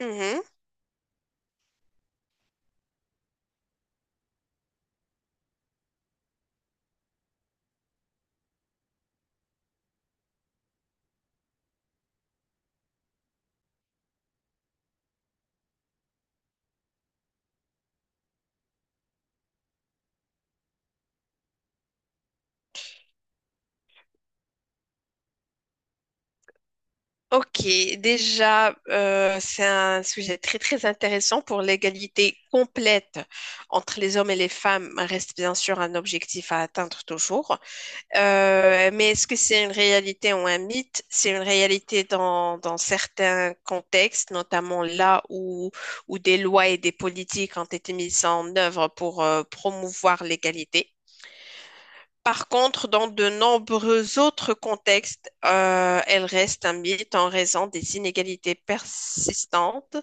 Mhm. Ok, déjà, c'est un sujet très très intéressant pour l'égalité complète entre les hommes et les femmes reste bien sûr un objectif à atteindre toujours. Mais est-ce que c'est une réalité ou un mythe? C'est une réalité dans certains contextes, notamment là où des lois et des politiques ont été mises en œuvre pour promouvoir l'égalité. Par contre, dans de nombreux autres contextes, elle reste un mythe en raison des inégalités persistantes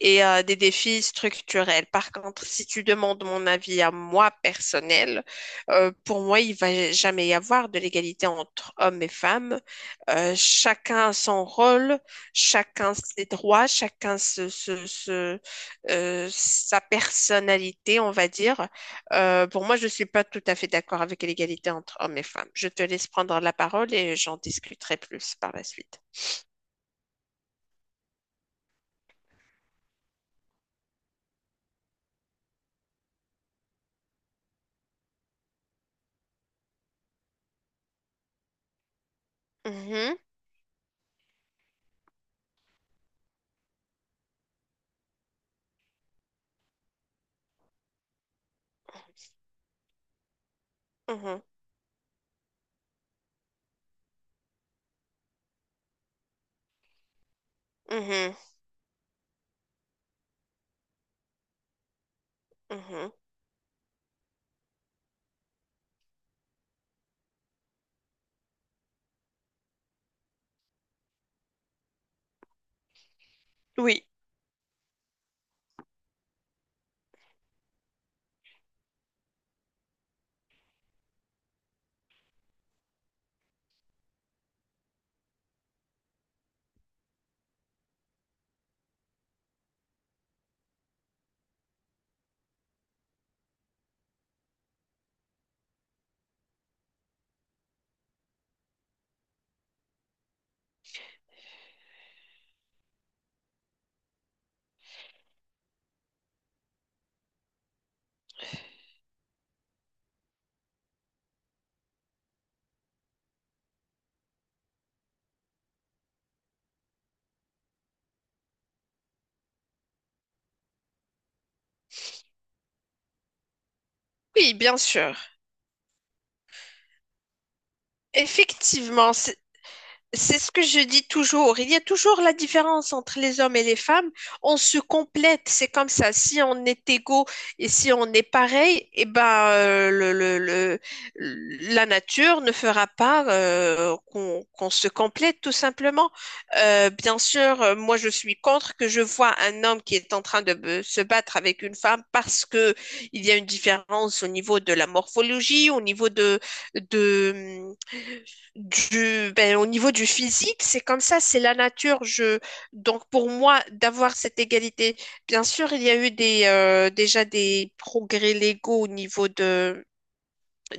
et des défis structurels. Par contre, si tu demandes mon avis à moi personnel, pour moi, il va jamais y avoir de l'égalité entre hommes et femmes. Chacun a son rôle, chacun ses droits, chacun sa personnalité, on va dire. Pour moi, je ne suis pas tout à fait d'accord avec l'égalité entre hommes et femmes. Je te laisse prendre la parole et j'en discuterai plus par la suite. Mhm, mhm, mhm, mhm. Oui, oui, bien sûr. Effectivement, c'est ce que je dis toujours. Il y a toujours la différence entre les hommes et les femmes. On se complète, c'est comme ça. Si on est égaux et si on est pareil, eh ben, la nature ne fera pas qu'on se complète, tout simplement. Bien sûr, moi, je suis contre que je vois un homme qui est en train de se battre avec une femme parce que il y a une différence au niveau de la morphologie, au niveau de, du, ben, au niveau du physique, c'est comme ça, c'est la nature. Donc pour moi, d'avoir cette égalité, bien sûr, il y a eu déjà des progrès légaux au niveau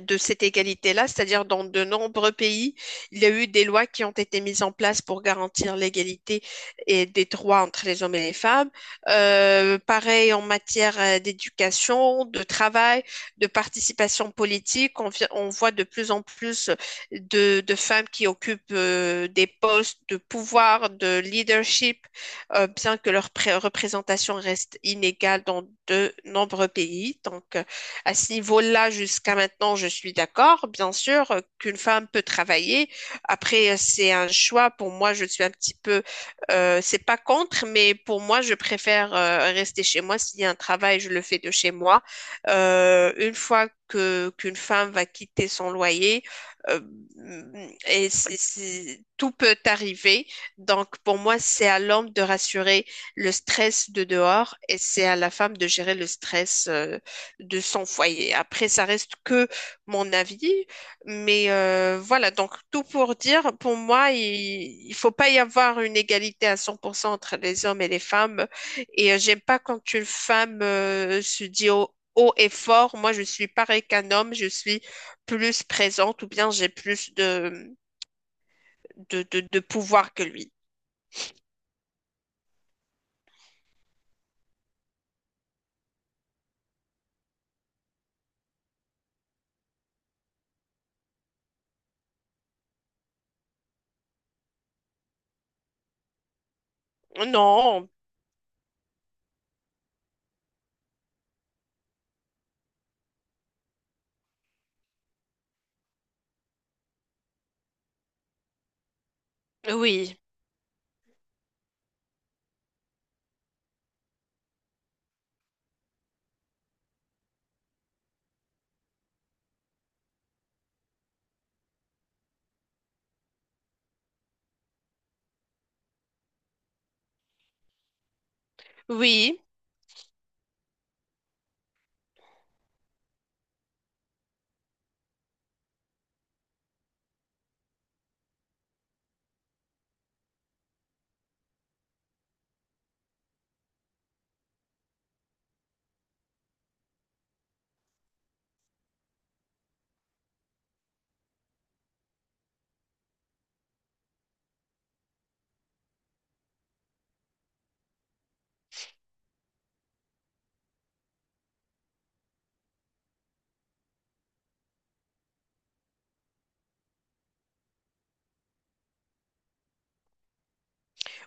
de cette égalité-là, c'est-à-dire dans de nombreux pays, il y a eu des lois qui ont été mises en place pour garantir l'égalité et des droits entre les hommes et les femmes. Pareil en matière d'éducation, de travail, de participation politique, on voit de plus en plus de femmes qui occupent des postes de pouvoir, de leadership, bien que leur représentation reste inégale dans de nombreux pays. Donc, à ce niveau-là, jusqu'à maintenant, je suis d'accord. Bien sûr qu'une femme peut travailler. Après, c'est un choix. Pour moi, je suis un petit peu, c'est pas contre, mais pour moi, je préfère rester chez moi. S'il y a un travail, je le fais de chez moi. Une fois que qu'une femme va quitter son loyer, euh, et tout peut arriver. Donc, pour moi, c'est à l'homme de rassurer le stress de dehors et c'est à la femme de gérer le stress. De son foyer. Après, ça reste que mon avis, mais voilà, donc tout pour dire, pour moi, il ne faut pas y avoir une égalité à 100% entre les hommes et les femmes. Et j'aime pas quand une femme se dit haut, haut et fort, moi je suis pareil qu'un homme, je suis plus présente ou bien j'ai plus de pouvoir que lui. Non, oui, oui.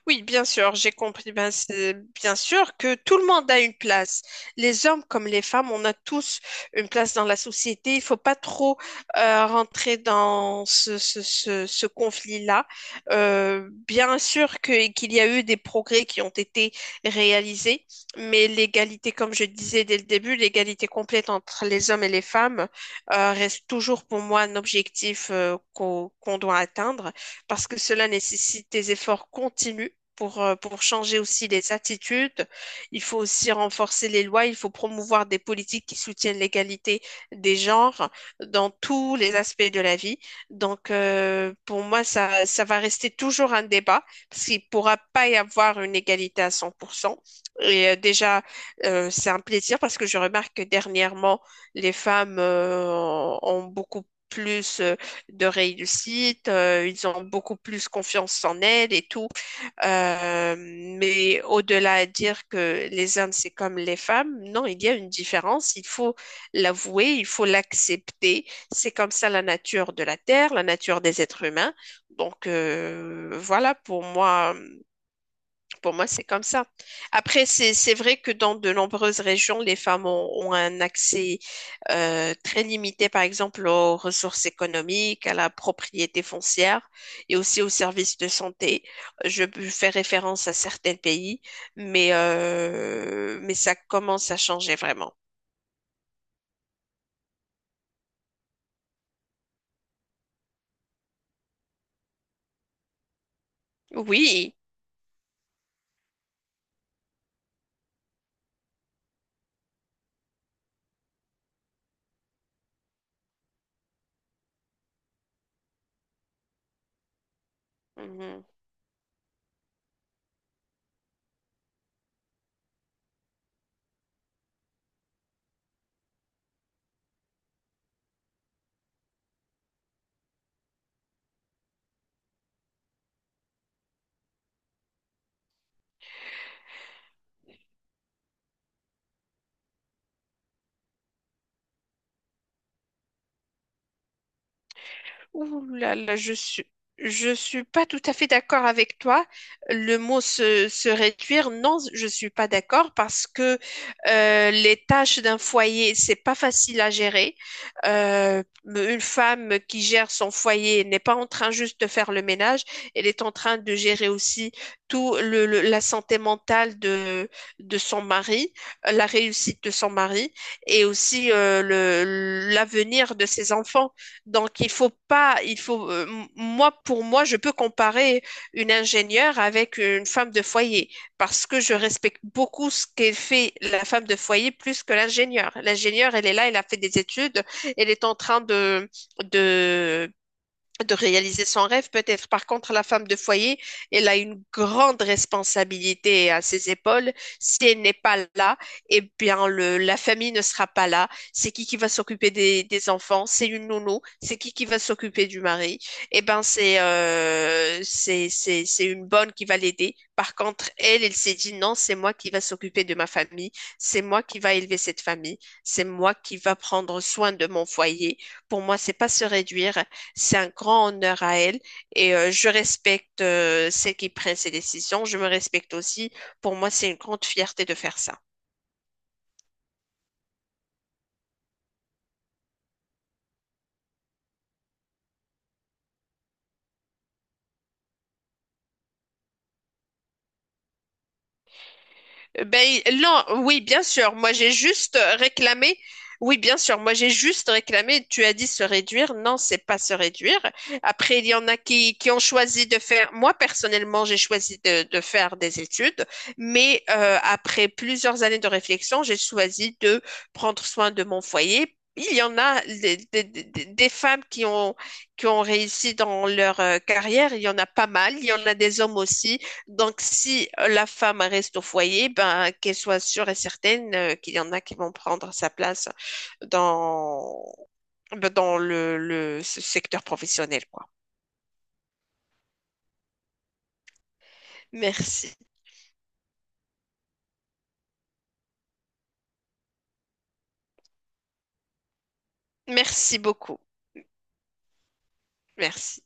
Oui, bien sûr, j'ai compris. Ben, c'est bien sûr que tout le monde a une place. Les hommes comme les femmes, on a tous une place dans la société. Il faut pas trop rentrer dans ce conflit-là. Bien sûr que, qu'il y a eu des progrès qui ont été réalisés, mais l'égalité, comme je disais dès le début, l'égalité complète entre les hommes et les femmes reste toujours pour moi un objectif qu'on doit atteindre parce que cela nécessite des efforts continus pour changer aussi les attitudes. Il faut aussi renforcer les lois, il faut promouvoir des politiques qui soutiennent l'égalité des genres dans tous les aspects de la vie. Donc, pour moi, ça va rester toujours un débat parce qu'il ne pourra pas y avoir une égalité à 100%. Et déjà, c'est un plaisir parce que je remarque que dernièrement, les femmes ont beaucoup plus de réussite, ils ont beaucoup plus confiance en elles et tout. Euh, mais au-delà à dire que les hommes, c'est comme les femmes, non, il y a une différence. Il faut l'avouer, il faut l'accepter. C'est comme ça la nature de la Terre, la nature des êtres humains. Donc, voilà, pour moi, c'est comme ça. Après, c'est vrai que dans de nombreuses régions, les femmes ont un accès très limité, par exemple, aux ressources économiques, à la propriété foncière et aussi aux services de santé. Je fais référence à certains pays, mais ça commence à changer vraiment. Oui. Mhm. Ouh là là, je suis pas tout à fait d'accord avec toi. Le mot se réduire, non, je suis pas d'accord parce que les tâches d'un foyer, c'est pas facile à gérer. Une femme qui gère son foyer n'est pas en train juste de faire le ménage, elle est en train de gérer aussi tout la santé mentale de son mari, la réussite de son mari et aussi l'avenir de ses enfants. Donc, il faut pas, il faut, moi, pour moi, je peux comparer une ingénieure avec une femme de foyer parce que je respecte beaucoup ce qu'elle fait la femme de foyer plus que l'ingénieur. L'ingénieur, elle est là, elle a fait des études, elle est en train de, de réaliser son rêve, peut-être. Par contre, la femme de foyer, elle a une grande responsabilité à ses épaules. Si elle n'est pas là, eh bien, la famille ne sera pas là. C'est qui va s'occuper des enfants? C'est une nounou. C'est qui va s'occuper du mari? Eh ben, c'est c'est une bonne qui va l'aider. Par contre, elle, elle s'est dit non, c'est moi qui va s'occuper de ma famille. C'est moi qui va élever cette famille. C'est moi qui va prendre soin de mon foyer. Pour moi, c'est pas se réduire, c'est un grand honneur à elle et je respecte celle qui prend ses décisions. Je me respecte aussi. Pour moi, c'est une grande fierté de faire ça. Ben, non, oui, bien sûr. Moi, j'ai juste réclamé. Oui, bien sûr. Moi, j'ai juste réclamé. Tu as dit se réduire. Non, c'est pas se réduire. Après, il y en a qui ont choisi de faire. Moi, personnellement, j'ai choisi de faire des études. Mais après plusieurs années de réflexion, j'ai choisi de prendre soin de mon foyer. Il y en a des femmes qui ont réussi dans leur carrière. Il y en a pas mal. Il y en a des hommes aussi. Donc, si la femme reste au foyer, ben, qu'elle soit sûre et certaine qu'il y en a qui vont prendre sa place dans, ben, dans le ce secteur professionnel, quoi. Merci. Merci beaucoup. Merci.